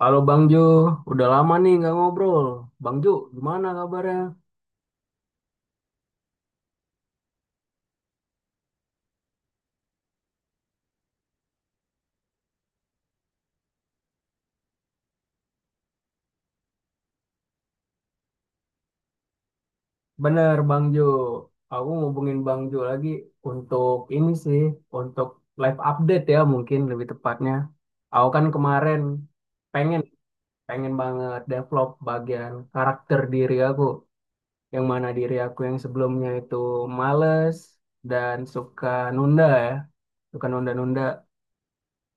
Halo Bang Jo, udah lama nih nggak ngobrol. Bang Jo, gimana kabarnya? Bener Bang Jo, aku ngubungin Bang Jo lagi untuk ini sih, untuk live update ya mungkin lebih tepatnya. Aku kan kemarin pengen, pengen banget develop bagian karakter diri aku. Yang mana diri aku yang sebelumnya itu males dan suka nunda ya, suka nunda-nunda.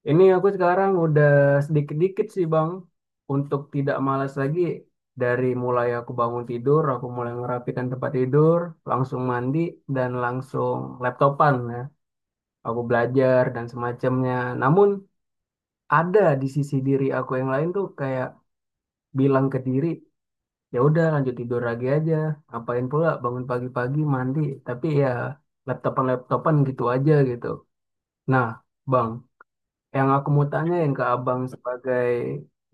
Ini aku sekarang udah sedikit-dikit sih Bang, untuk tidak malas lagi dari mulai aku bangun tidur, aku mulai merapikan tempat tidur, langsung mandi dan langsung laptopan ya. Aku belajar dan semacamnya. Namun ada di sisi diri aku yang lain tuh kayak bilang ke diri, ya udah lanjut tidur lagi aja. Ngapain pula bangun pagi-pagi mandi, tapi ya laptopan-laptopan gitu aja gitu. Nah, Bang, yang aku mau tanyain ke abang sebagai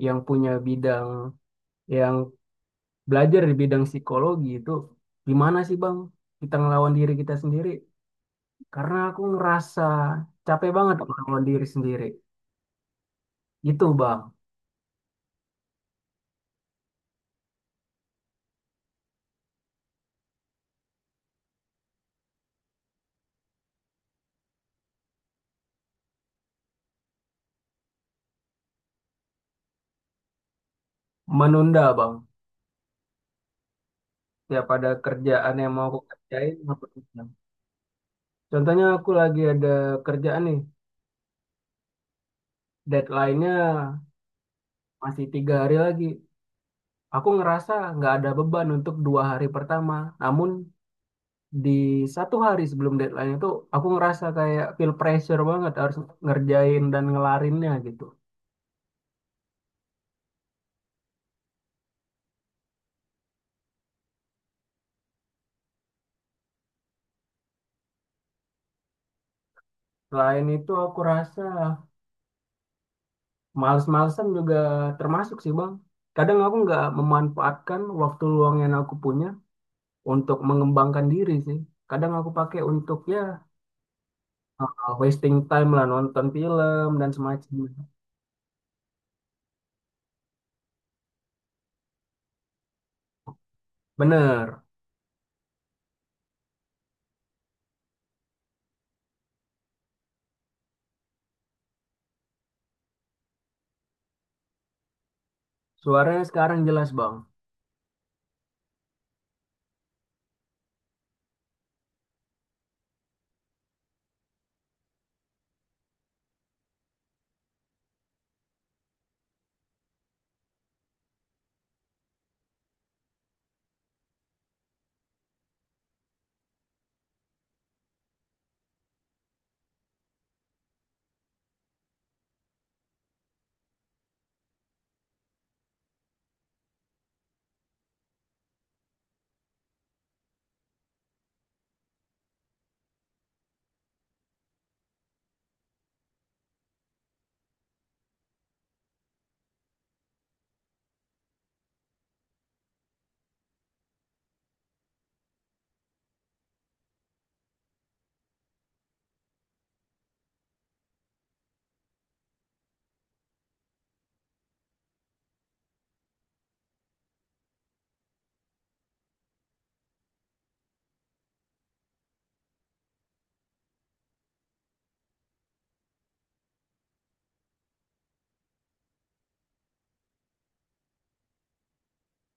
yang punya bidang, yang belajar di bidang psikologi itu, gimana sih bang kita ngelawan diri kita sendiri? Karena aku ngerasa capek banget ngelawan diri sendiri. Itu bang. Menunda bang. Tiap ada kerjaan yang mau aku kerjain, aku tunda. Contohnya aku lagi ada kerjaan nih, deadline-nya masih 3 hari lagi. Aku ngerasa nggak ada beban untuk 2 hari pertama. Namun di 1 hari sebelum deadline itu aku ngerasa kayak feel pressure banget harus ngerjain dan ngelarinnya gitu. Selain itu aku rasa males-malesan juga termasuk sih Bang. Kadang aku nggak memanfaatkan waktu luang yang aku punya untuk mengembangkan diri sih. Kadang aku pakai untuk ya wasting time lah nonton film dan semacamnya. Bener, suaranya sekarang jelas Bang.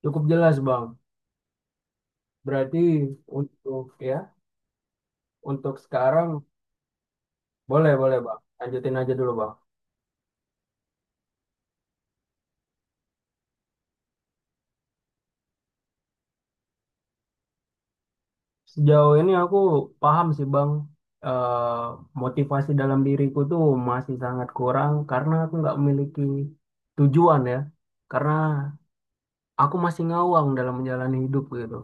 Cukup jelas Bang. Berarti untuk, ya, untuk sekarang. Boleh, boleh Bang. Lanjutin aja dulu Bang. Sejauh ini aku paham sih Bang, eh, motivasi dalam diriku tuh masih sangat kurang karena aku nggak memiliki tujuan ya. Karena aku masih ngawang dalam menjalani hidup gitu.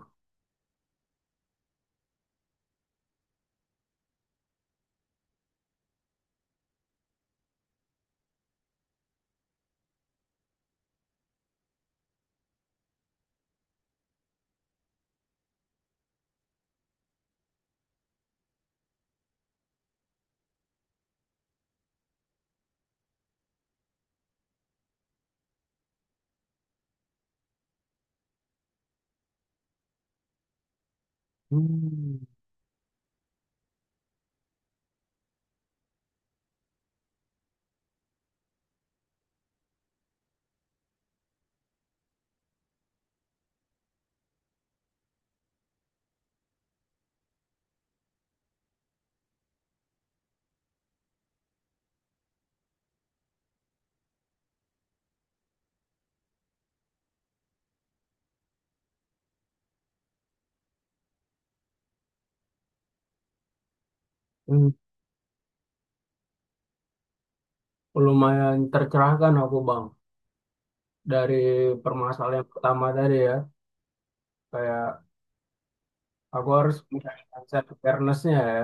Hmm. Hmm, lumayan tercerahkan aku Bang dari permasalahan yang pertama tadi ya. Kayak aku harus meningkatkan self awareness-nya ya.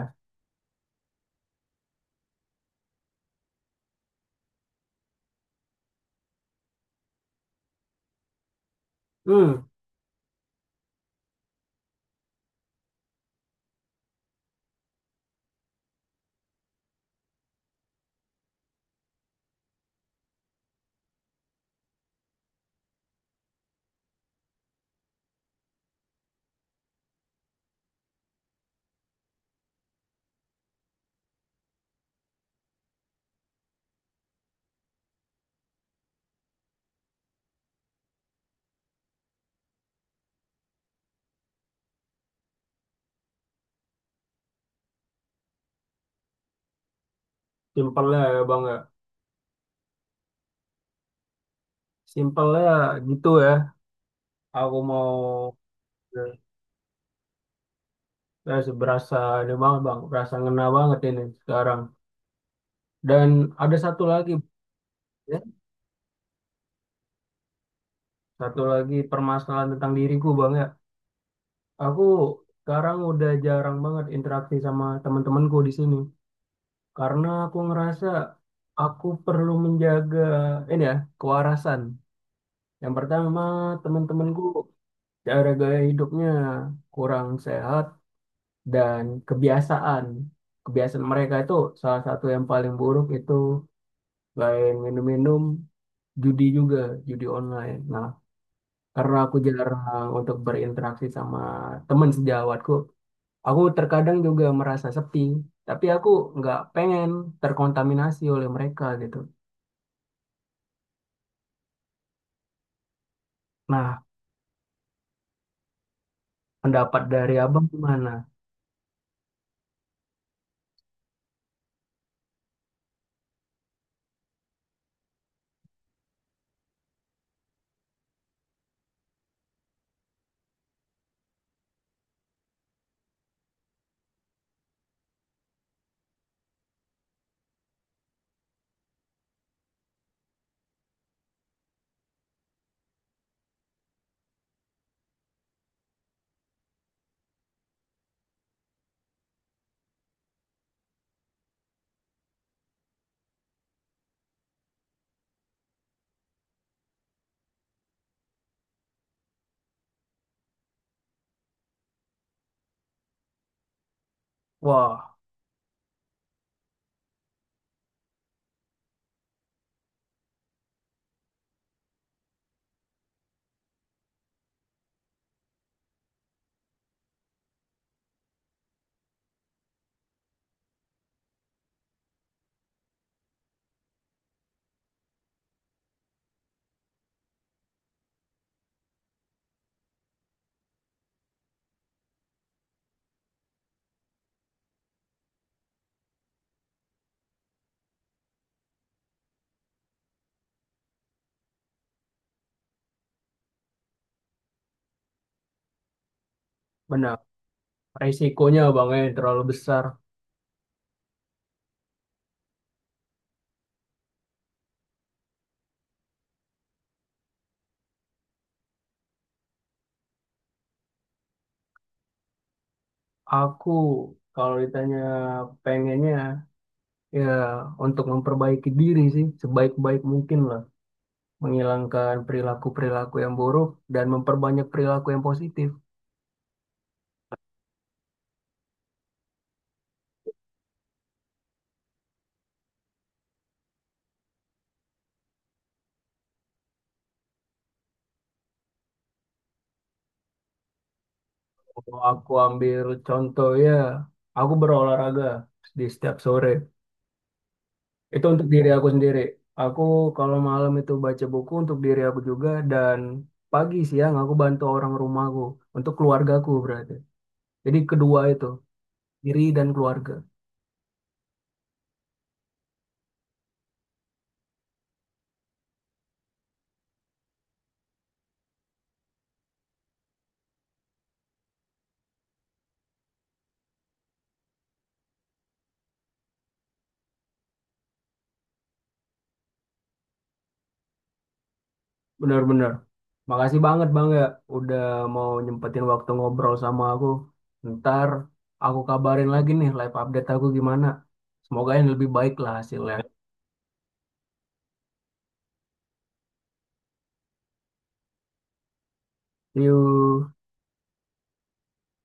Hmm, simpelnya ya Bang ya. Simpelnya gitu ya. Aku mau. Ya, berasa ini banget bang, berasa ngena banget ini sekarang. Dan ada satu lagi, ya, satu lagi permasalahan tentang diriku bang ya. Aku sekarang udah jarang banget interaksi sama teman-temanku di sini, karena aku ngerasa aku perlu menjaga ini ya kewarasan. Yang pertama teman-temanku cara gaya hidupnya kurang sehat dan kebiasaan. Kebiasaan mereka itu salah satu yang paling buruk itu lain minum-minum judi juga, judi online. Nah, karena aku jarang untuk berinteraksi sama teman sejawatku, aku terkadang juga merasa sepi, tapi aku nggak pengen terkontaminasi oleh mereka gitu. Nah, pendapat dari abang gimana? Wah, benar. Resikonya bang, terlalu besar. Aku kalau ditanya pengennya ya untuk memperbaiki diri sih sebaik-baik mungkin lah, menghilangkan perilaku-perilaku yang buruk dan memperbanyak perilaku yang positif. Kalau aku ambil contoh ya, aku berolahraga di setiap sore. Itu untuk diri aku sendiri. Aku kalau malam itu baca buku untuk diri aku juga dan pagi siang aku bantu orang rumahku untuk keluargaku berarti. Jadi kedua itu, diri dan keluarga. Benar-benar. Makasih banget Bang ya udah mau nyempetin waktu ngobrol sama aku. Ntar aku kabarin lagi nih live update aku gimana. Semoga yang lebih baik lah hasilnya. See you.